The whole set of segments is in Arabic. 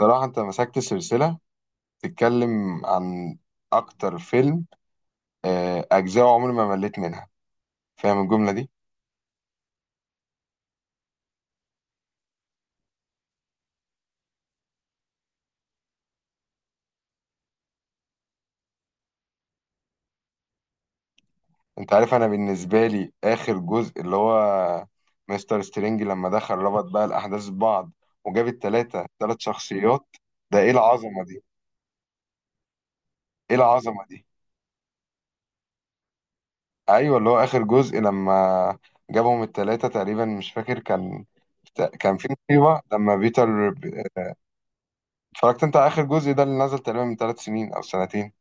صراحة أنت مسكت سلسلة بتتكلم عن أكتر فيلم، أجزاء عمري ما مليت منها. فاهم الجملة دي؟ انت عارف، انا بالنسبه لي اخر جزء اللي هو مستر سترينج، لما دخل ربط بقى الاحداث ببعض وجاب تلات شخصيات. ده ايه العظمه دي؟ ايه العظمه دي؟ ايوه، اللي هو اخر جزء لما جابهم التلاته، تقريبا مش فاكر. كان في مصيبه لما بيتر. اتفرجت انت على اخر جزء ده، اللي نزل تقريبا من 3 سنين او سنتين؟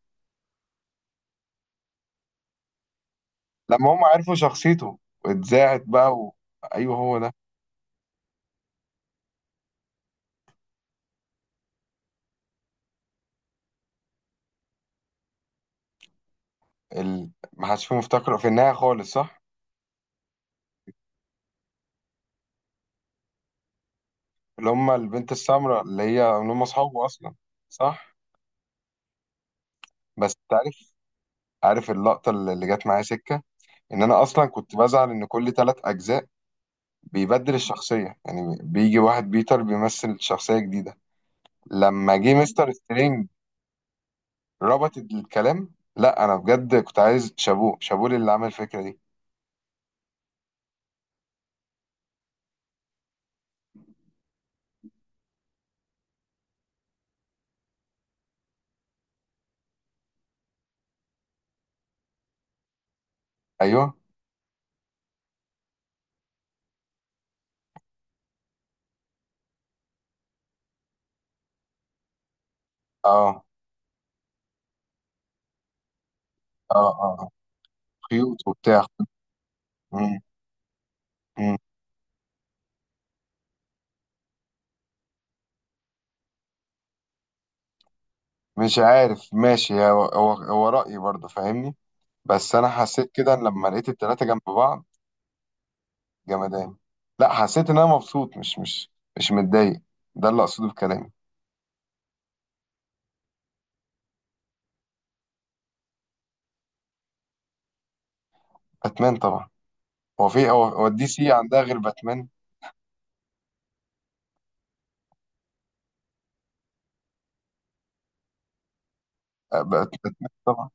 لما هم عرفوا شخصيته واتذاعت بقى ايوه هو ده. ما حدش فيهم افتكره في النهايه خالص، صح؟ اللي هم البنت السمراء، اللي هي اللي هم اصحابه اصلا. صح. بس تعرف، عارف اللقطه اللي جت معايا سكه، ان انا اصلا كنت بزعل ان كل ثلاث اجزاء بيبدل الشخصيه، يعني بيجي واحد بيتر بيمثل شخصيه جديده. لما جه مستر سترينج ربط الكلام، لا انا بجد كنت عايز شابوه شابوه اللي عمل الفكره دي. ايوه. اه، اه، اه. آه. خيوط وبتاع. مم. مم. مش عارف، ماشي، هو رأيي برضه، فاهمني؟ بس انا حسيت كده إن لما لقيت التلاتة جنب بعض جمدان. لا حسيت ان انا مبسوط، مش متضايق. ده اللي اقصده بكلامي. باتمان طبعا. هو في هو هو الدي سي عندها غير باتمان؟ باتمان طبعا.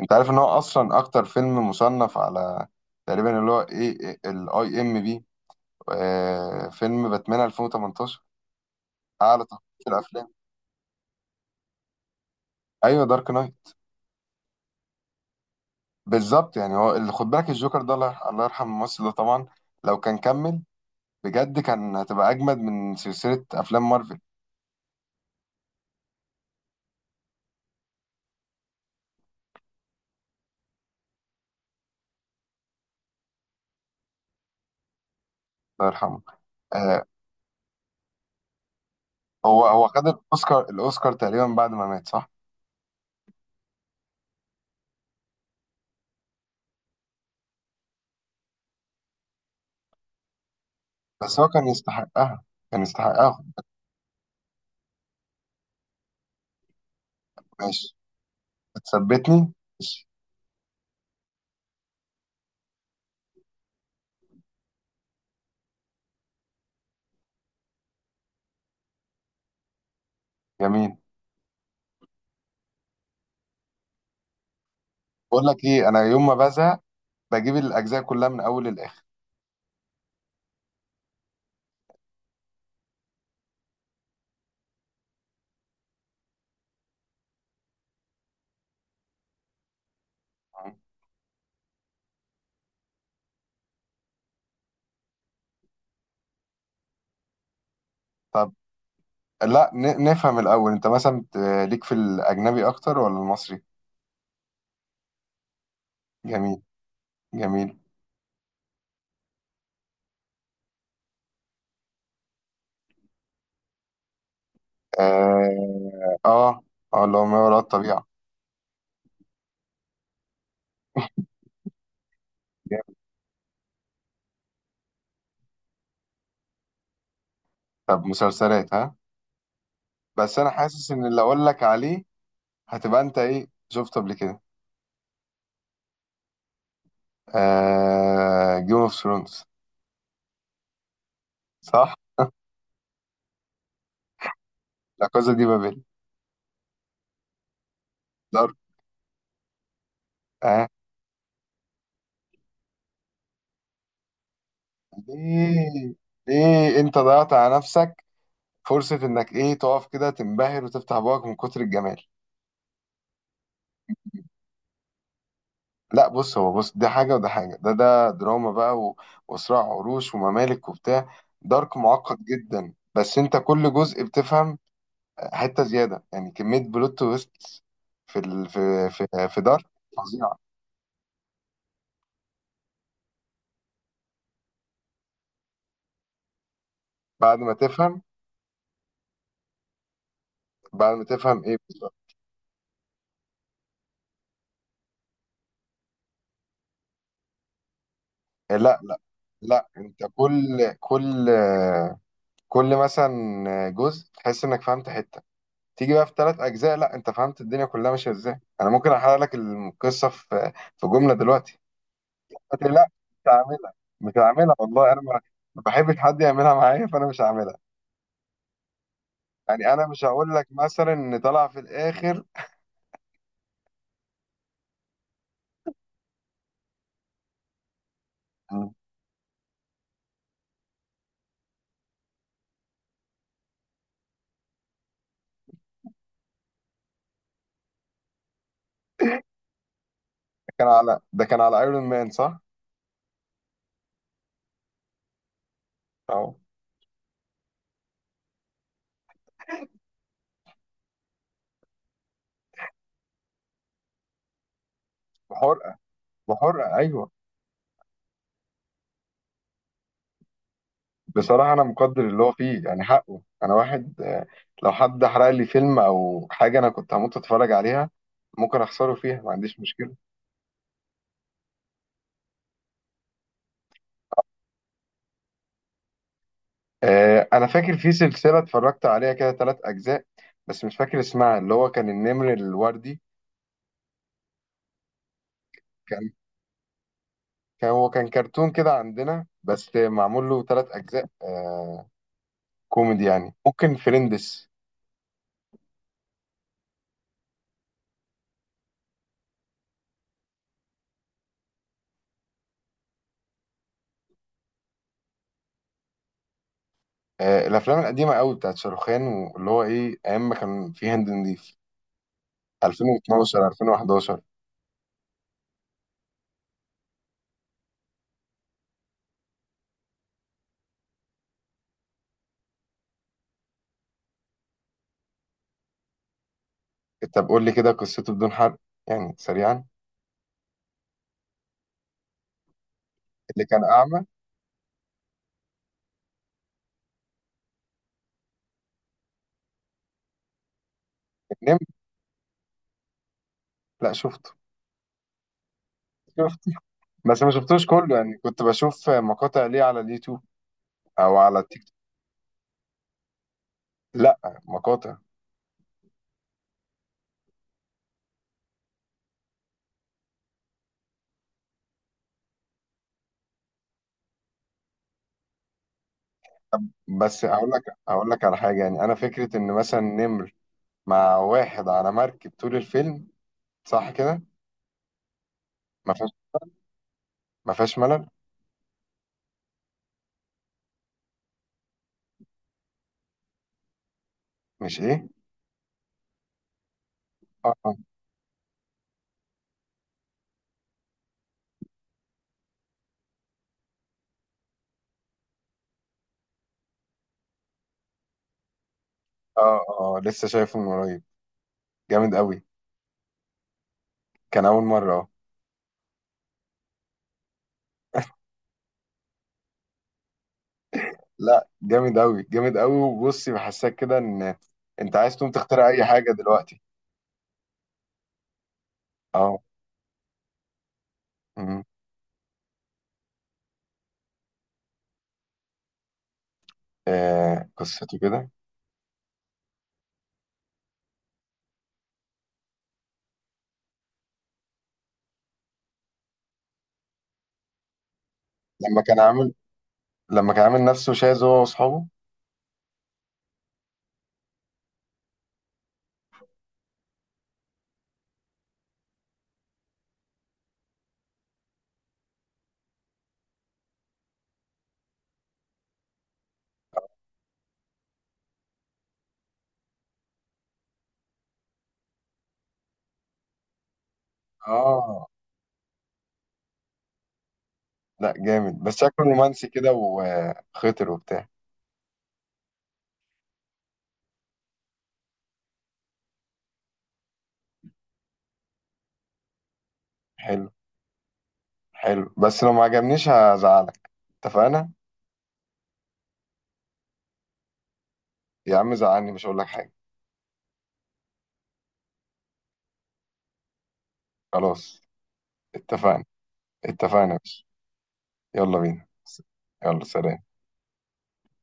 انت عارف ان هو اصلا اكتر فيلم مصنف على، تقريبا، اللي هو ايه، الاي ام بي. فيلم باتمان 2018 اعلى تقييم في الافلام. ايوه، دارك نايت. بالظبط، يعني هو اللي خد بالك الجوكر ده، الله يرحم الممثل ده طبعا. لو كان كمل، بجد كان هتبقى اجمد من سلسله افلام مارفل. الله يرحمه. آه، هو خد الاوسكار، تقريبا بعد ما مات، صح؟ بس هو كان يستحقها، كان يستحقها. ماشي. بتثبتني. ماشي. جميل. بقول لك ايه، انا يوم ما بزهق بجيب الاجزاء كلها من اول للاخر. طب لا، نفهم الاول، انت مثلا ليك في الاجنبي اكتر ولا المصري؟ جميل، جميل. اه، اه. اللي هو ما وراء الطبيعه. جامد. طب مسلسلات، ها؟ بس انا حاسس ان اللي اقول لك عليه هتبقى انت ايه شفته قبل كده. جيم اوف ثرونز. صح. لا كوزا دي بابل. دارك. آه. ليه؟ ليه انت ضيعت على نفسك فرصة انك ايه، تقف كده تنبهر وتفتح بقك من كتر الجمال؟ لا بص، هو بص، ده حاجة وده حاجة، ده دراما بقى وصراع عروش وممالك وبتاع. دارك معقد جدا، بس انت كل جزء بتفهم حتة زيادة، يعني كمية بلوت تويست في ال... في في في دارك فظيعة. بعد ما تفهم. بعد ما تفهم ايه بالظبط؟ لا، لا، لا، انت كل مثلا جزء تحس انك فهمت حته، تيجي بقى في ثلاث اجزاء لا انت فهمت الدنيا كلها ماشيه ازاي. انا ممكن احرق لك القصه في جمله دلوقتي. قلت لي لا، مش هعملها، مش هعملها والله. انا ما بحبش حد يعملها معايا، فانا مش هعملها. يعني انا مش هقول لك مثلا ان طلع في الاخر. ده كان على ايرون مان، صح؟ اهو. بحرقه. بحرقه، ايوه. بصراحة أنا مقدر اللي هو فيه، يعني حقه، أنا واحد، لو حد حرق لي فيلم أو حاجة أنا كنت هموت أتفرج عليها، ممكن أخسره فيها، ما عنديش مشكلة. أنا فاكر في سلسلة اتفرجت عليها كده تلات أجزاء، بس مش فاكر اسمها، اللي هو كان النمر الوردي. كان كان هو كان كرتون كده عندنا بس معمول له تلات أجزاء. كوميدي، يعني ممكن فريندس. الأفلام القديمة قوي بتاعت شاروخان، واللي هو إيه، أيام ما كان في هند نضيف، 2012، 2011. طب قول لي كده قصته بدون حرق، يعني سريعا. اللي كان أعمى. نم. لا شفته. شفته بس ما شفتوش كله، يعني كنت بشوف مقاطع ليه على اليوتيوب أو على التيك توك. لا، مقاطع. بس أقول لك على حاجة، يعني أنا فكرة إن مثلا نمر مع واحد على مركب طول الفيلم، صح كده؟ ما فيهاش، ما فيهاش ملل. مش إيه؟ آه، آه، آه، آه، لسه شايفه من قريب، جامد قوي. كان أول مرة، أه. لا جامد قوي، جامد قوي، وبصي بحسك كده إن انت عايز تقوم تخترع اي حاجه دلوقتي. اه. مم. قصته كده. لما كان عامل لما كان عامل نفسه شاذ هو واصحابه. اه. لا جامد، بس شكله رومانسي كده وخطر وبتاع. حلو. حلو، بس لو ما عجبنيش هزعلك، اتفقنا؟ يا عم زعلني مش هقول لك حاجه. خلاص، اتفقنا. اتفقنا يا باشا. يلا بينا. يلا، سلام.